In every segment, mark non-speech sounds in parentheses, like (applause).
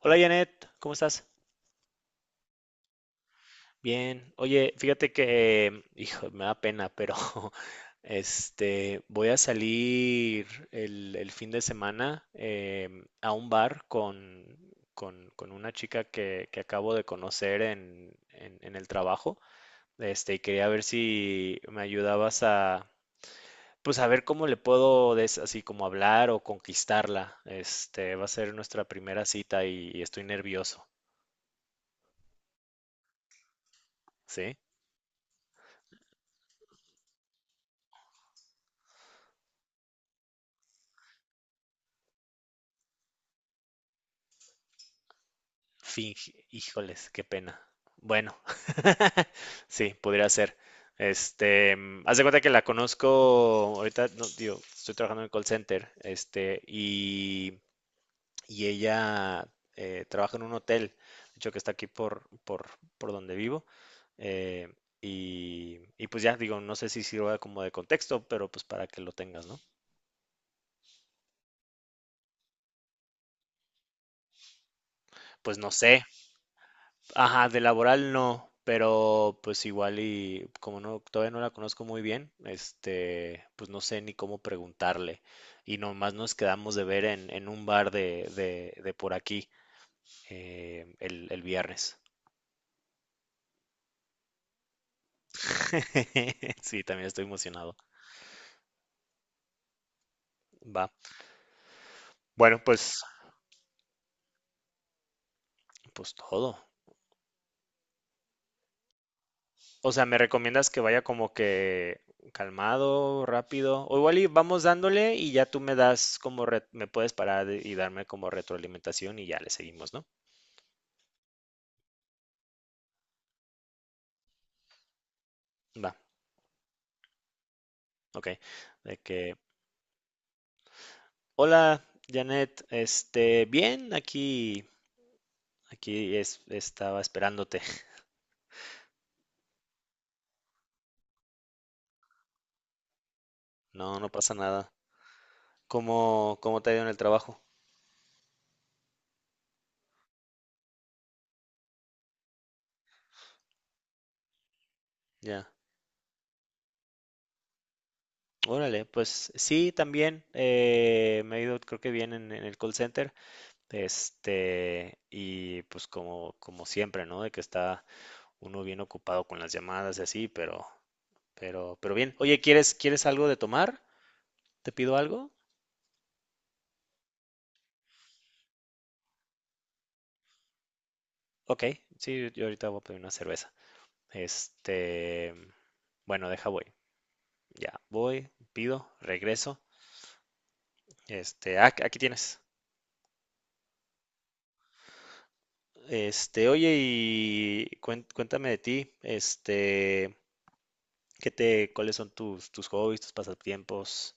Hola Janet, ¿cómo estás? Bien. Oye, fíjate que, hijo, me da pena, pero (laughs) voy a salir el fin de semana a un bar con una chica que acabo de conocer en el trabajo. Y quería ver si me ayudabas a, pues a ver cómo le puedo así como hablar o conquistarla. Va a ser nuestra primera cita y estoy nervioso, ¿sí? Finge, híjoles, qué pena. Bueno, (laughs) sí, podría ser. Haz de cuenta que la conozco ahorita, no, digo, estoy trabajando en el call center, y ella trabaja en un hotel, de hecho que está aquí por donde vivo. eh, y, y pues ya, digo, no sé si sirva como de contexto, pero pues para que lo tengas, ¿no? Pues no sé. Ajá, de laboral no, pero pues igual y como no, todavía no la conozco muy bien, pues no sé ni cómo preguntarle. Y nomás nos quedamos de ver en un bar de por aquí, el viernes. (laughs) Sí, también estoy emocionado. Va. Bueno, pues, pues todo. O sea, ¿me recomiendas que vaya como que calmado, rápido? O igual y vamos dándole y ya tú me das como me puedes parar y darme como retroalimentación y ya le seguimos, ¿no? Va, ok. De que, hola, Janet, bien, aquí es, estaba esperándote. (laughs) No, no pasa nada. ¿Cómo te ha ido en el trabajo? Ya. Órale, pues sí, también me ha ido, creo que bien en el call center. Y pues como, como siempre, ¿no? De que está uno bien ocupado con las llamadas y así, pero bien. Oye, ¿quieres algo de tomar? ¿Te pido algo? Ok, sí, yo ahorita voy a pedir una cerveza. Este, bueno, deja voy. Ya, voy, pido, regreso. Aquí tienes. Oye, y cuéntame de ti. ¿Qué te, cuáles son tus, tus hobbies, tus pasatiempos?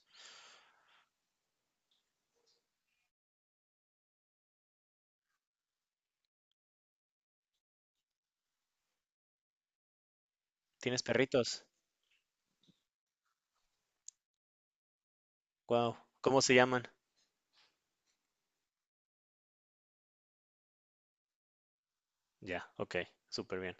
¿Tienes perritos? Wow, ¿cómo se llaman? Ya, ok, súper bien.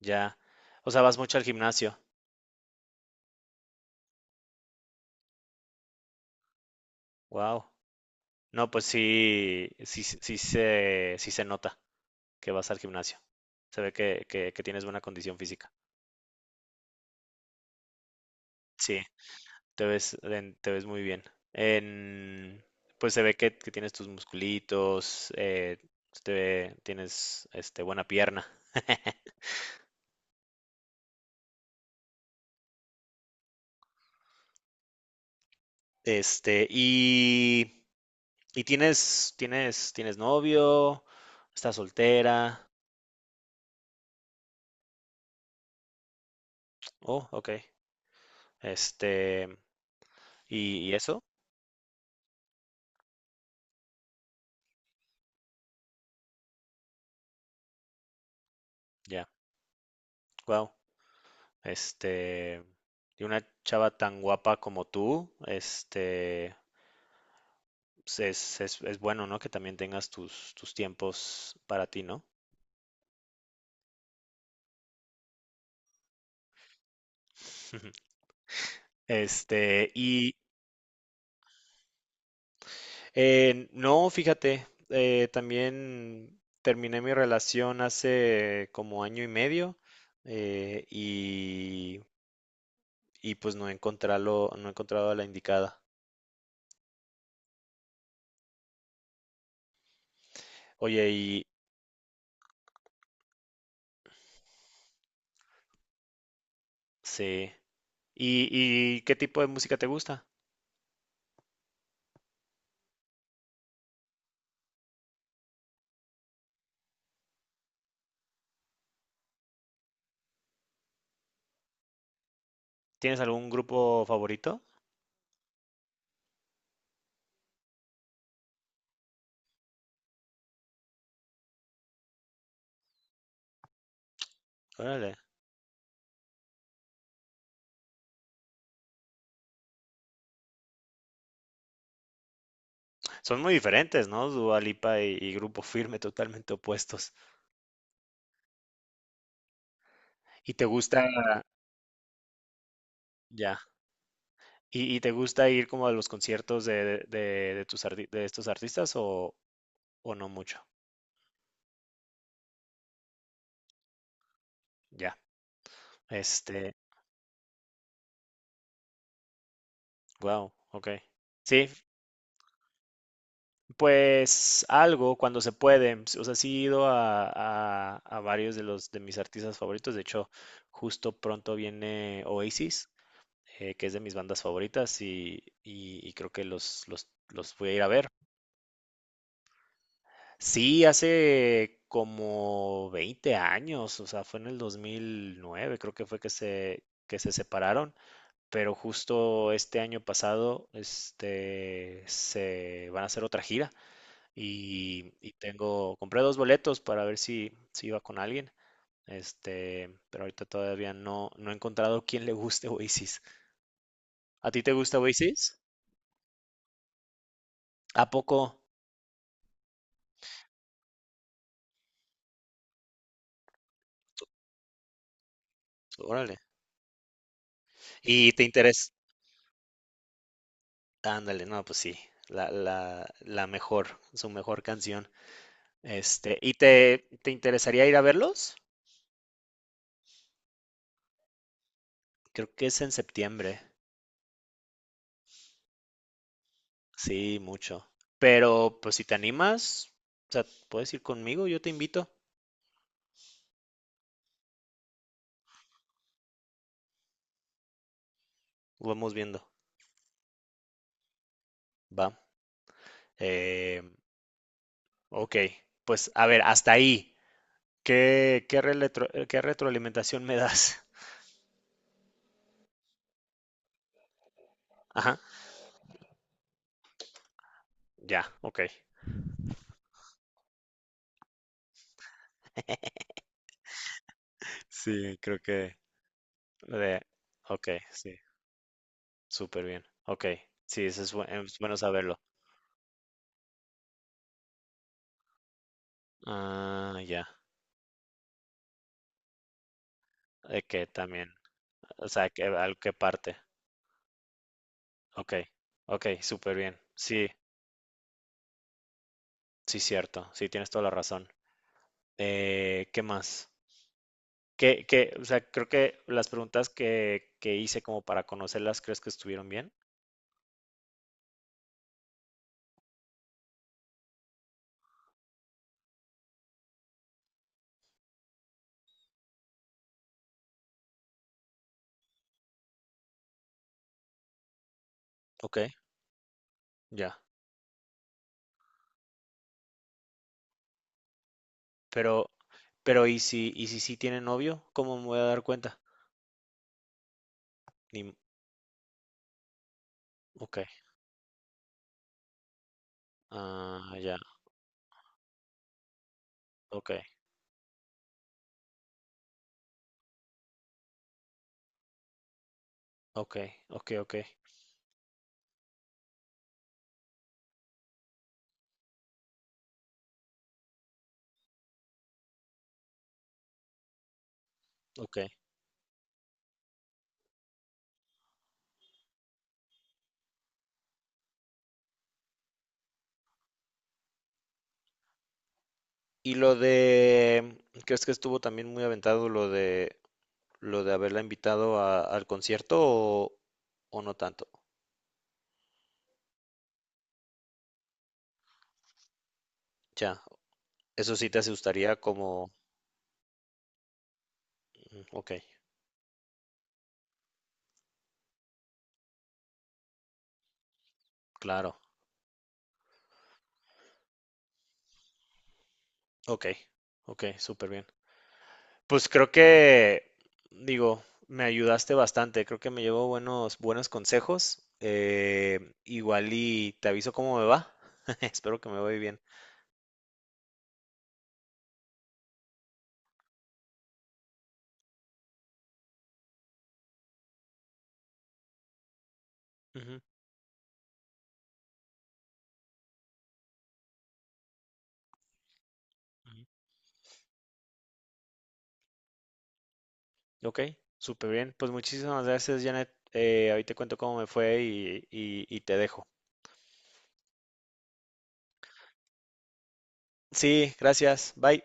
Ya. O sea, vas mucho al gimnasio. Wow. No, pues sí, sí, sí se nota que vas al gimnasio. Se ve que tienes buena condición física. Sí. Te ves, te ves muy bien. En- pues se ve que tienes tus musculitos, tienes buena pierna. (laughs) Y, y tienes, tienes novio, estás soltera. Oh, ok. Este, y, y eso, ya. Wow. Este, y una chava tan guapa como tú, pues es, es bueno, ¿no? Que también tengas tus, tus tiempos para ti, ¿no? (laughs) Y no, fíjate, también terminé mi relación hace como año y medio eh, y, y pues no he encontrado, no he encontrado a la indicada. Oye, y sí. ¿Y, y qué tipo de música te gusta? ¿Tienes algún grupo favorito? Órale. Son muy diferentes, ¿no? Dua Lipa y Grupo Firme, totalmente opuestos. ¿Y te gusta? Ya. Y te gusta ir como a los conciertos de tus de estos artistas o no mucho? Ya. Este, wow, ok. Sí, pues algo cuando se puede. O sea, sí he ido a varios de los de mis artistas favoritos. De hecho, justo pronto viene Oasis, que es de mis bandas favoritas, y, y creo que los voy a ir a ver. Sí, hace como 20 años, o sea, fue en el 2009, creo que fue que se separaron, pero justo este año pasado, se van a hacer otra gira y tengo, compré dos boletos para ver si, si iba con alguien, pero ahorita todavía no, no he encontrado quién le guste (laughs) Oasis. ¿A ti te gusta Oasis? ¿A poco? Órale. ¿Y te interesa? Ándale, no, pues sí, la mejor, su mejor canción. ¿Y te interesaría ir a verlos? Creo que es en septiembre, sí, mucho. Pero pues si te animas, o sea, puedes ir conmigo, yo te invito, vamos viendo, va. Eh, ok, pues a ver, hasta ahí. ¿Qué, qué, qué retroalimentación me das? (laughs) Ajá, ya, ok. Sí, creo que... de- ok, sí. Súper bien. Ok. Sí, eso es, es bueno saberlo. Ah, ya. De que también. O sea, que, al que parte. Ok. Ok, súper bien. Sí, sí, cierto. Sí, tienes toda la razón. ¿Qué más? ¿Qué, qué, o sea, creo que las preguntas que hice como para conocerlas, ¿crees que estuvieron bien? Ok, ya. Pero, pero y si sí tiene novio? ¿Cómo me voy a dar cuenta? Ni, m- ok. Ah, ya. Ok. Ok. Ok, ok. Ok. Y lo de, ¿crees que estuvo también muy aventado lo de haberla invitado al concierto o no tanto? Ya, eso sí te asustaría como, mm, ok, claro, ok, ok, súper bien. Pues creo que, digo, me ayudaste bastante, creo que me llevo buenos, buenos consejos. Igual y te aviso cómo me va. (laughs) Espero que me vaya bien. Ujú, ujú. Ok, súper bien. Pues muchísimas gracias, Janet. Ahorita cuento cómo me fue y, y te dejo. Sí, gracias. Bye.